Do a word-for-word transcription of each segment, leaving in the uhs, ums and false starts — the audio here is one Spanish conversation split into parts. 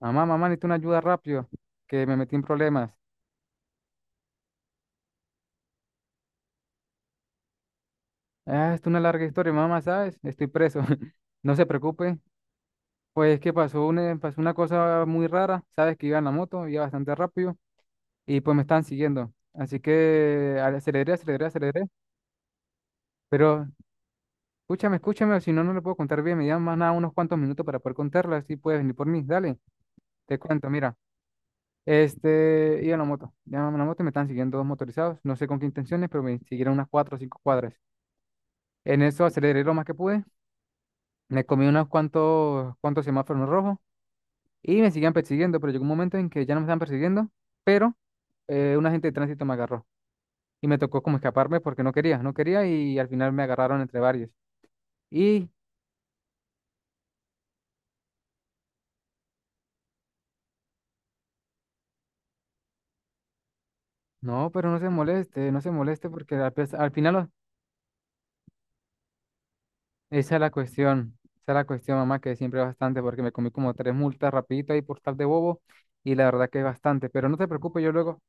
Mamá, mamá, necesito una ayuda rápido, que me metí en problemas. Ah, esto es una larga historia, mamá, ¿sabes? Estoy preso. No se preocupe. Pues es que pasó una, pasó una cosa muy rara. Sabes que iba en la moto, iba bastante rápido y pues me están siguiendo. Así que aceleré, aceleré, aceleré. Pero escúchame, escúchame, o si no, no le puedo contar bien. Me llevan más nada unos cuantos minutos para poder contarla. Así puedes venir por mí. Dale, te cuento, mira. Este, iba en la moto, iba en la moto y me están siguiendo dos motorizados. No sé con qué intenciones, pero me siguieron unas cuatro o cinco cuadras. En eso aceleré lo más que pude. Me comí unos cuantos, cuantos semáforos rojos y me seguían persiguiendo, pero llegó un momento en que ya no me estaban persiguiendo, pero eh, un agente de tránsito me agarró y me tocó como escaparme porque no quería, no quería y al final me agarraron entre varios. Y no, pero no se moleste, no se moleste porque al, pes- al final o- esa es la cuestión, esa es la cuestión, mamá, que siempre es bastante porque me comí como tres multas rapidito ahí por tal de bobo y la verdad que es bastante, pero no te preocupes, yo luego.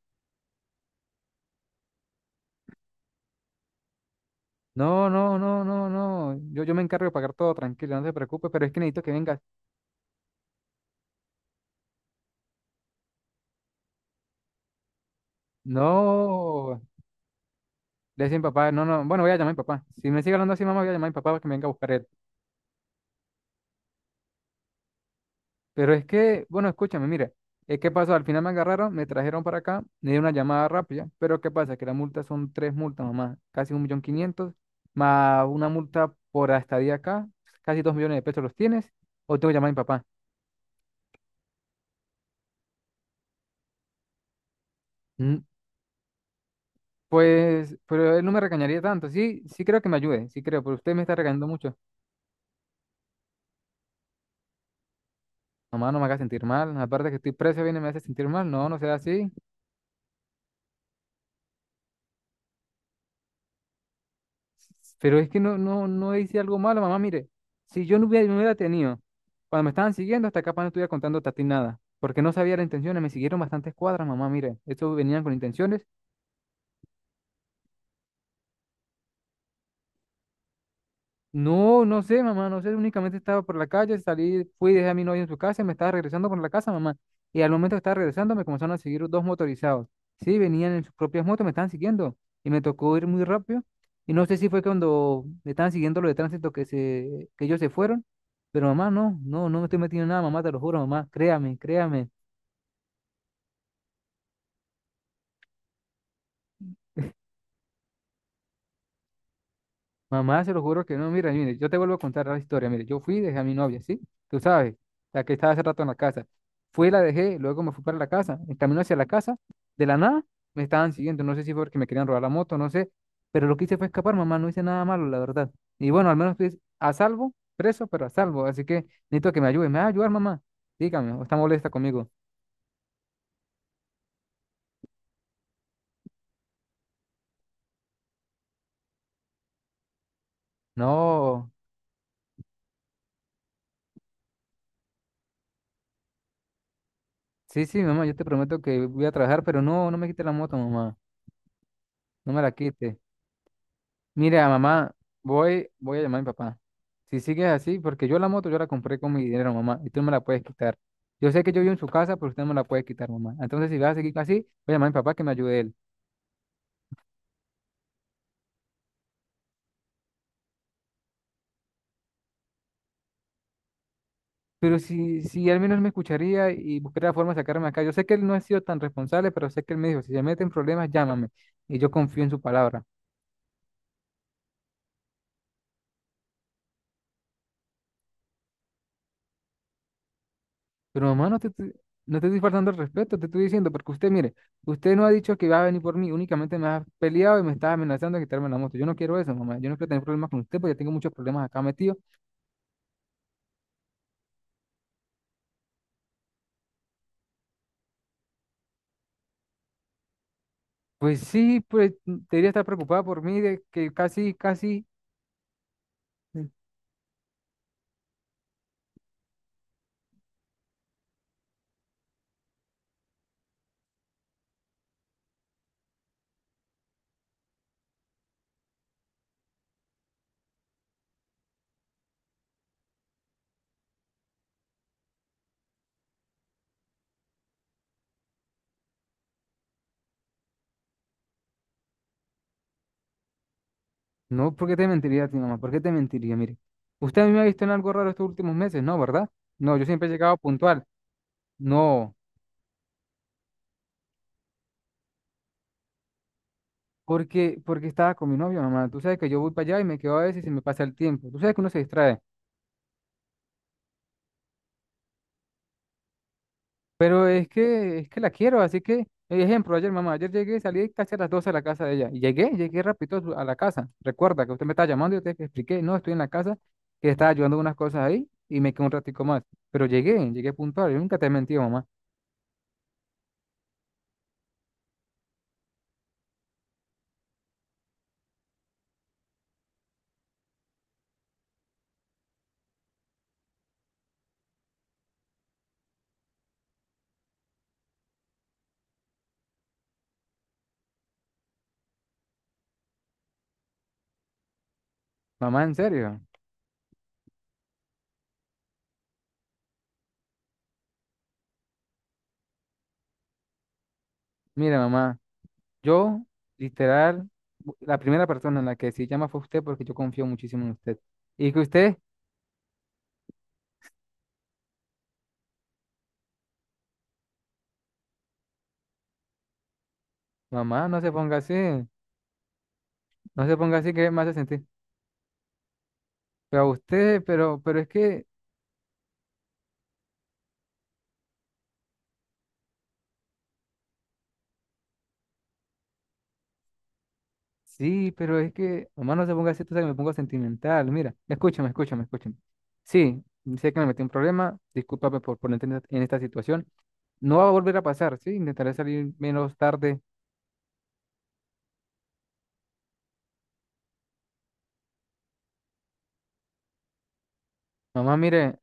No, no, no, no, no. Yo, yo me encargo de pagar todo, tranquilo, no se preocupe, pero es que necesito que vengas. No, le decía a mi papá, no, no. Bueno, voy a llamar a mi papá. Si me sigue hablando así, mamá, voy a llamar a mi papá para que me venga a buscar él. Pero es que, bueno, escúchame, mira. Es que pasó, al final me agarraron, me trajeron para acá, me dieron una llamada rápida, pero ¿qué pasa? Que las multas son tres multas, mamá, casi un millón quinientos, más una multa por la estadía acá, casi dos millones de pesos los tienes, o tengo que llamar a mi papá. Mm. Pues, pero él no me regañaría tanto. Sí, sí creo que me ayude, sí creo, pero usted me está regañando mucho. Mamá, no me haga sentir mal. Aparte que estoy preso, viene y me hace sentir mal. No, no sea así. Pero es que no, no, no hice algo malo, mamá. Mire, si yo no hubiera, no hubiera tenido, cuando me estaban siguiendo, hasta acá no estuviera contando a ti nada, porque no sabía las intenciones, me siguieron bastantes cuadras, mamá. Mire, estos venían con intenciones. No, no sé, mamá, no sé, únicamente estaba por la calle, salí, fui, dejé a mi novia en su casa y me estaba regresando por la casa, mamá. Y al momento que estaba regresando me comenzaron a seguir dos motorizados. Sí, venían en sus propias motos, me estaban siguiendo y me tocó ir muy rápido. Y no sé si fue cuando me estaban siguiendo lo de tránsito que se, que ellos se fueron, pero mamá, no, no, no me estoy metiendo en nada, mamá, te lo juro, mamá, créame, créame. Mamá, se lo juro que no. Mira, mire, yo te vuelvo a contar la historia. Mire, yo fui, dejé a mi novia, ¿sí? Tú sabes, la que estaba hace rato en la casa. Fui, la dejé, luego me fui para la casa. En camino hacia la casa, de la nada, me estaban siguiendo. No sé si fue porque me querían robar la moto, no sé. Pero lo que hice fue escapar, mamá. No hice nada malo, la verdad. Y bueno, al menos estoy a salvo, preso, pero a salvo. Así que necesito que me ayude. ¿Me va a ayudar, mamá? Dígame, ¿o está molesta conmigo? No. Sí, sí, mamá, yo te prometo que voy a trabajar, pero no, no me quite la moto, mamá. No me la quite. Mira, mamá, voy, voy a llamar a mi papá. Si sigues así, porque yo la moto yo la compré con mi dinero, mamá, y tú me la puedes quitar. Yo sé que yo vivo en su casa, pero usted no me la puede quitar, mamá. Entonces, si vas a seguir así, voy a llamar a mi papá que me ayude él. Pero si, si al menos me escucharía y buscaría la forma de sacarme acá, yo sé que él no ha sido tan responsable, pero sé que él me dijo, si se mete en problemas, llámame. Y yo confío en su palabra. Pero mamá, no te, estoy- no te estoy faltando el respeto, te estoy diciendo, porque usted, mire, usted no ha dicho que va a venir por mí, únicamente me ha peleado y me está amenazando de quitarme la moto. Yo no quiero eso, mamá. Yo no quiero tener problemas con usted, porque ya tengo muchos problemas acá metido. Pues sí, pues debería estar preocupada por mí, de que casi, casi. No, ¿por qué te mentiría a ti, mamá? ¿Por qué te mentiría? Mire, usted a mí me ha visto en algo raro estos últimos meses, ¿no? ¿Verdad? No, yo siempre he llegado puntual. No, porque, porque estaba con mi novio, mamá. Tú sabes que yo voy para allá y me quedo a veces y se me pasa el tiempo. Tú sabes que uno se distrae. Pero es que, es que la quiero, así que, ejemplo, ayer, mamá, ayer llegué, salí casi a las doce de la casa de ella. Y llegué, llegué rápido a su- a la casa. Recuerda que usted me estaba llamando y yo te expliqué, no, estoy en la casa, que estaba ayudando unas cosas ahí y me quedé un ratico más. Pero llegué, llegué puntual, yo nunca te he mentido, mamá. Mamá, en serio. Mira, mamá, yo, literal, bu- la primera persona en la que sí llama fue usted porque yo confío muchísimo en usted. Y que usted, mamá, no se ponga así, no se ponga así que me hace sentir. Pero a usted, pero, pero es que. Sí, pero es que, mamá, no se ponga así, tú sabes que me pongo sentimental. Mira, escúchame, escúchame, escúchame. Sí, sé que me metí en un problema, discúlpame por ponerte en esta en esta situación. No va a volver a pasar, sí, intentaré salir menos tarde. Mamá, mire,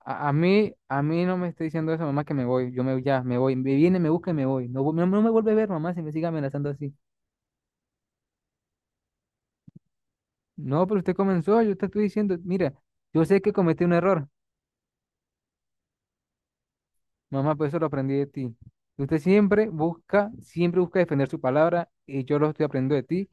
a, a mí, a mí no me está diciendo eso, mamá, que me voy, yo me voy ya, me voy, me viene, me busca y me voy. No, vu- no, no me vuelve a ver, mamá, si me sigue amenazando así. No, pero usted comenzó, yo te estoy diciendo, mira, yo sé que cometí un error. Mamá, pues eso lo aprendí de ti. Usted siempre busca, siempre busca defender su palabra y yo lo estoy aprendiendo de ti.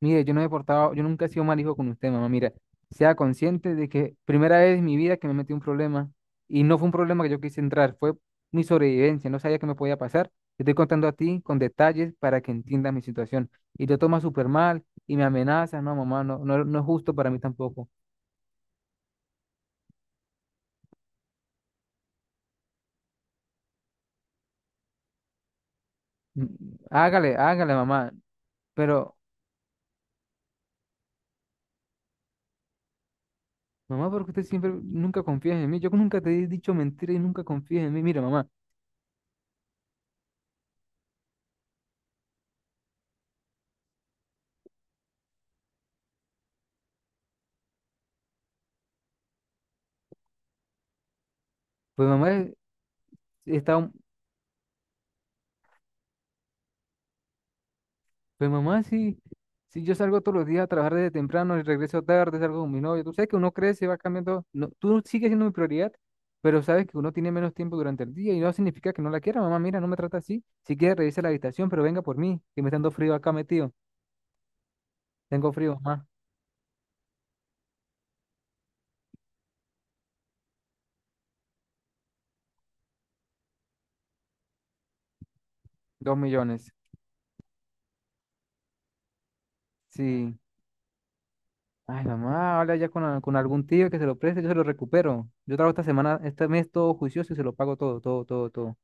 Mire, yo no me he portado, yo nunca he sido mal hijo con usted, mamá. Mira, sea consciente de que primera vez en mi vida que me metí en un problema y no fue un problema que yo quise entrar, fue mi sobrevivencia, no sabía qué me podía pasar. Te estoy contando a ti con detalles para que entiendas mi situación. Y lo tomas súper mal y me amenazas, no, mamá, no, no, no es justo para mí tampoco. Mm, Hágale, hágale, mamá. Pero mamá, porque usted siempre nunca confía en mí. Yo nunca te he dicho mentira y nunca confías en mí. Mira, mamá, pues mamá es- está, un- pues mamá sí, si yo salgo todos los días a trabajar desde temprano y regreso tarde, salgo con mi novio. Tú sabes que uno crece, va cambiando. No, tú sigues siendo mi prioridad, pero sabes que uno tiene menos tiempo durante el día y no significa que no la quiera. Mamá, mira, no me trata así. Si quiere, revisa la habitación, pero venga por mí, que me está dando frío acá metido. Tengo frío, mamá. Dos millones. Sí. Ay, mamá, habla ya con, a- con algún tío que se lo preste, yo se lo recupero. Yo trabajo esta semana, este mes todo juicioso y se lo pago todo, todo, todo, todo.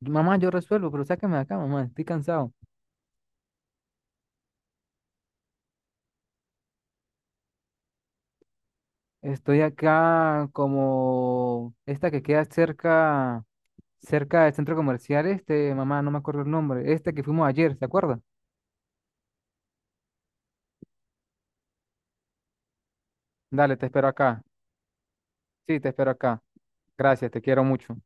Mamá, yo resuelvo, pero sáqueme de acá, mamá, estoy cansado. Estoy acá como esta que queda cerca, cerca del centro comercial, este, mamá, no me acuerdo el nombre, este que fuimos ayer, ¿se acuerda? Dale, te espero acá. Sí, te espero acá. Gracias, te quiero mucho.